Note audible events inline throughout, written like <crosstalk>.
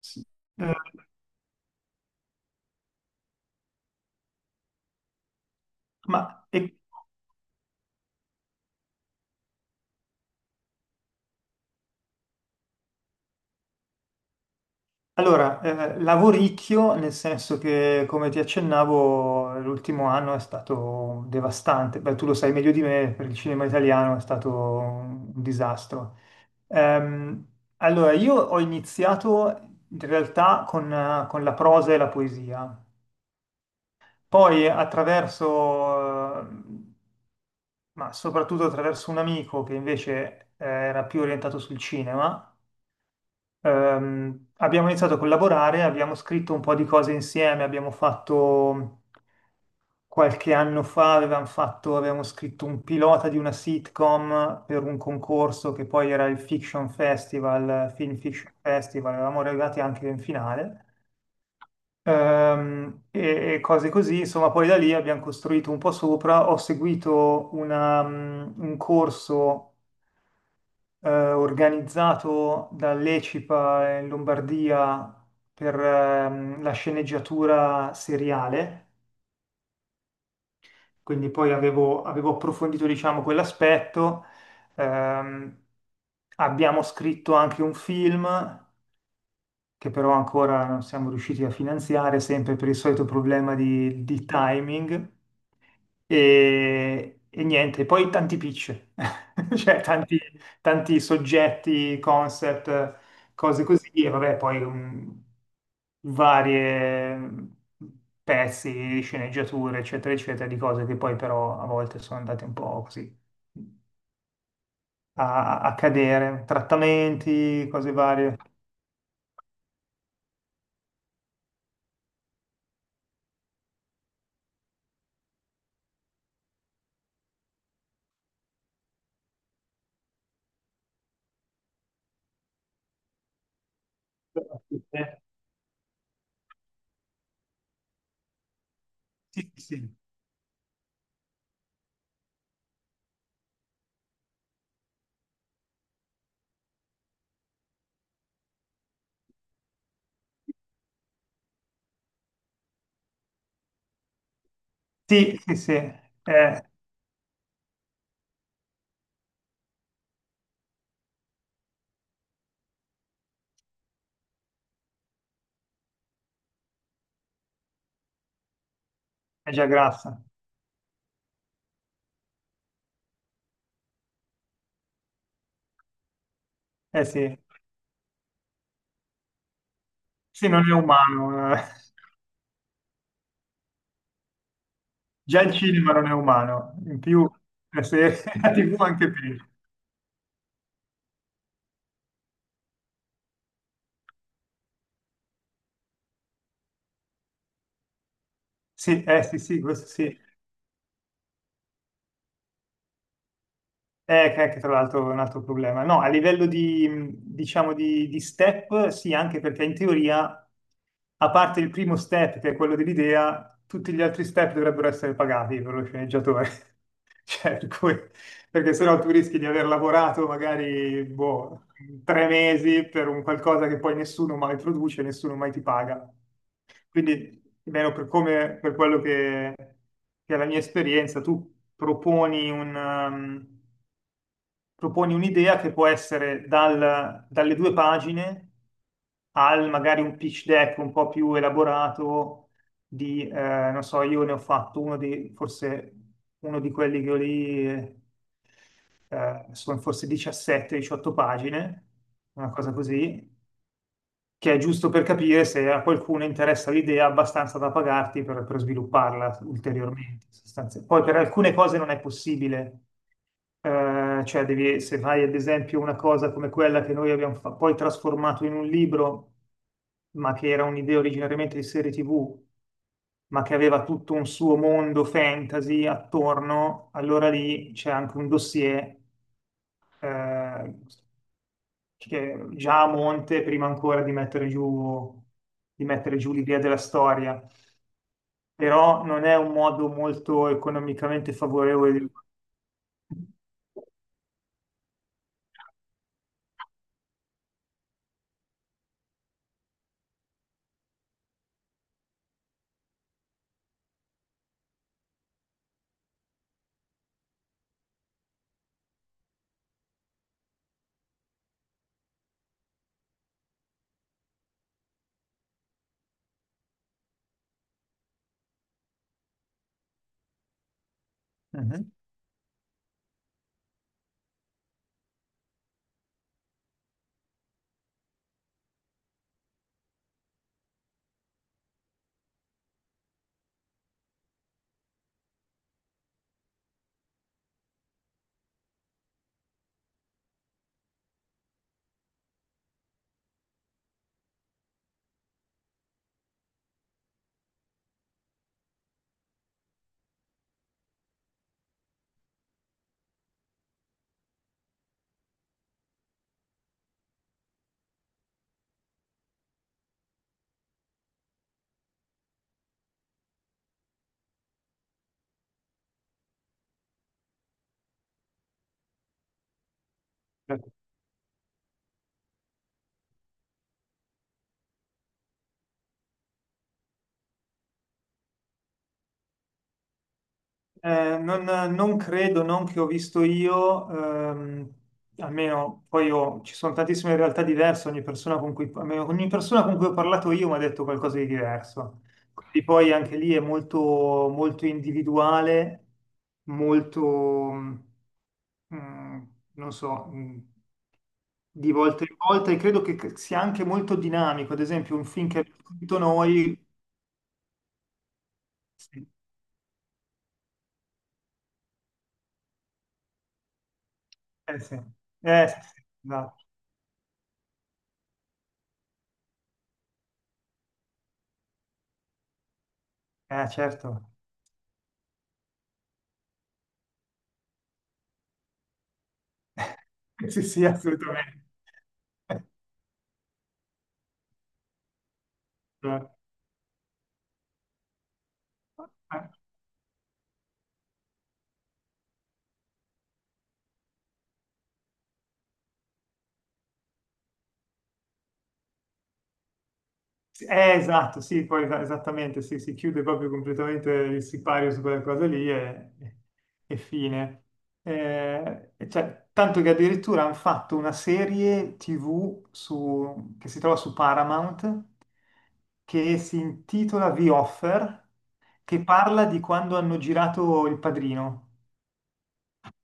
Sì. Eh, ma e- allora, lavoricchio, nel senso che, come ti accennavo, l'ultimo anno è stato devastante. Beh, tu lo sai meglio di me, per il cinema italiano è stato un disastro. Ehm, allora, io ho iniziato in realtà con la prosa e la poesia, poi attraverso, ma soprattutto attraverso un amico che invece era più orientato sul cinema. Abbiamo iniziato a collaborare, abbiamo scritto un po' di cose insieme, abbiamo fatto qualche anno fa, avevamo scritto un pilota di una sitcom per un concorso che poi era il Fiction Festival, Film Fiction Festival, eravamo arrivati anche in finale. E cose così, insomma, poi da lì abbiamo costruito un po' sopra. Ho seguito un corso organizzato dall'ECIPA in Lombardia per la sceneggiatura seriale, quindi poi avevo approfondito, diciamo, quell'aspetto. Ehm, abbiamo scritto anche un film che però ancora non siamo riusciti a finanziare, sempre per il solito problema di timing. E niente, poi tanti pitch, <laughs> cioè tanti, tanti soggetti, concept, cose così, e vabbè, poi varie pezzi, sceneggiature, eccetera, eccetera, di cose che poi però a volte sono andate un po' così a cadere, trattamenti, cose varie. Sì, sì. Sì. Sì, sì, sì, è già grassa. Eh sì, sì, non è umano. Eh. Già il cinema non è umano, in più la serie <laughs> la TV anche più. Sì, sì, sì, questo sì. Che anche tra l'altro è un altro problema. No, a livello di, diciamo, di step, sì, anche perché in teoria, a parte il primo step, che è quello dell'idea, tutti gli altri step dovrebbero essere pagati per lo sceneggiatore. <laughs> Cioè, perché sennò tu rischi di aver lavorato magari, boh, 3 mesi per un qualcosa che poi nessuno mai produce, nessuno mai ti paga. Quindi, almeno per come, per quello che è la mia esperienza, tu proponi un, um, proponi un'idea che può essere dalle due pagine al magari un pitch deck un po' più elaborato di, non so, io ne ho fatto uno di, forse uno di quelli che ho lì, sono forse 17-18 pagine, una cosa così, che è giusto per capire se a qualcuno interessa l'idea abbastanza da pagarti per svilupparla ulteriormente. Sostanzialmente. Poi per alcune cose non è possibile cioè, devi, se fai ad esempio una cosa come quella che noi abbiamo poi trasformato in un libro, ma che era un'idea originariamente di serie TV, ma che aveva tutto un suo mondo fantasy attorno, allora lì c'è anche un dossier eh, che già a monte, prima ancora di mettere giù, l'idea della storia, però non è un modo molto economicamente favorevole di... Mhm. Non credo, non che ho visto io, ehm, almeno poi ci sono tantissime realtà diverse, ogni persona con cui, almeno ogni persona con cui ho parlato io mi ha detto qualcosa di diverso. Quindi poi anche lì è molto, molto individuale, molto, mm, mm, non so, di volta in volta e credo che sia anche molto dinamico. Ad esempio, un film che abbiamo visto noi... Sì, eh sì, eh sì, sì, esatto. Certo. <laughs> Sì, sì, assolutamente. Eh, sì, esatto, sì, poi esattamente, sì, si chiude proprio completamente il sipario su quella cosa lì e fine. E cioè, tanto che addirittura hanno fatto una serie TV che si trova su Paramount, che si intitola The Offer, che parla di quando hanno girato Il Padrino.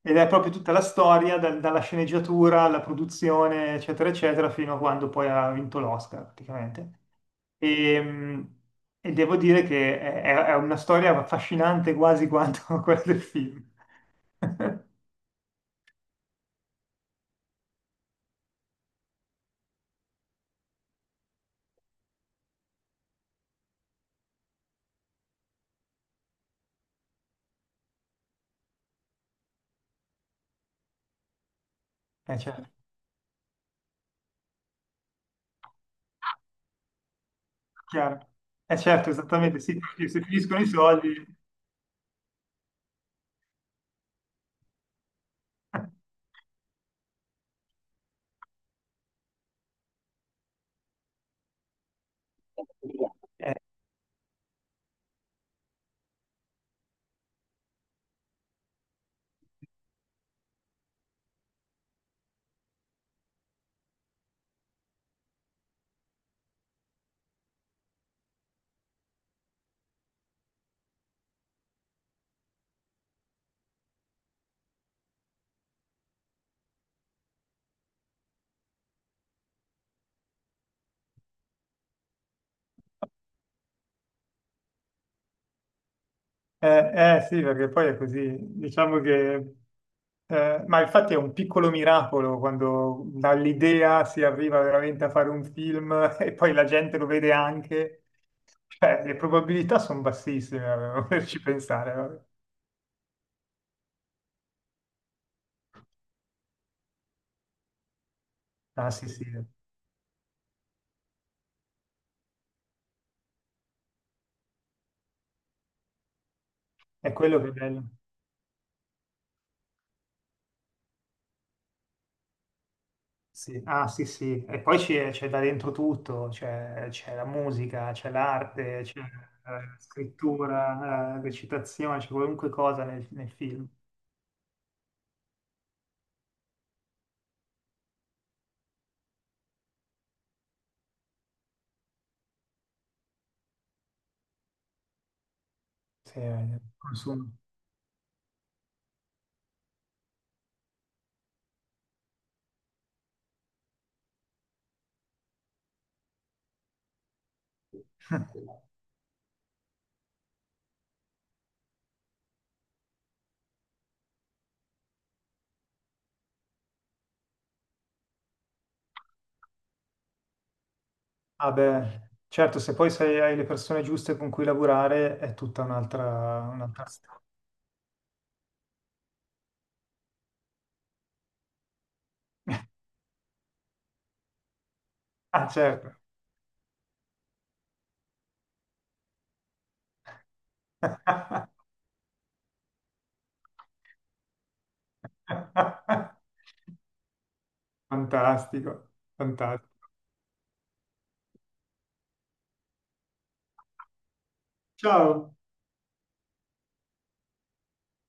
Ed è proprio tutta la storia, dalla sceneggiatura alla produzione, eccetera, eccetera, fino a quando poi ha vinto l'Oscar, praticamente. E, mh, e devo dire che è una storia affascinante quasi quanto <laughs> quella del film. Certo, chiaro. Certo, esattamente, sì, perché se finiscono i soldi... <laughs> Eh, eh, sì, perché poi è così. Diciamo che, ma infatti è un piccolo miracolo quando dall'idea si arriva veramente a fare un film <laughs> e poi la gente lo vede anche. Cioè, le probabilità sono bassissime, <laughs> poterci pensare. Vabbè. Ah, sì, sì, è quello che è bello. Sì. Ah, sì, sì. E poi c'è da dentro tutto, c'è la musica, c'è l'arte, c'è la scrittura, la recitazione, c'è qualunque cosa nel film. Sì, consumo. Ah beh, certo, se poi hai le persone giuste con cui lavorare è tutta un'altra... un'altra... storia. <laughs> Ah, certo. <laughs> Fantastico, fantastico. Ciao.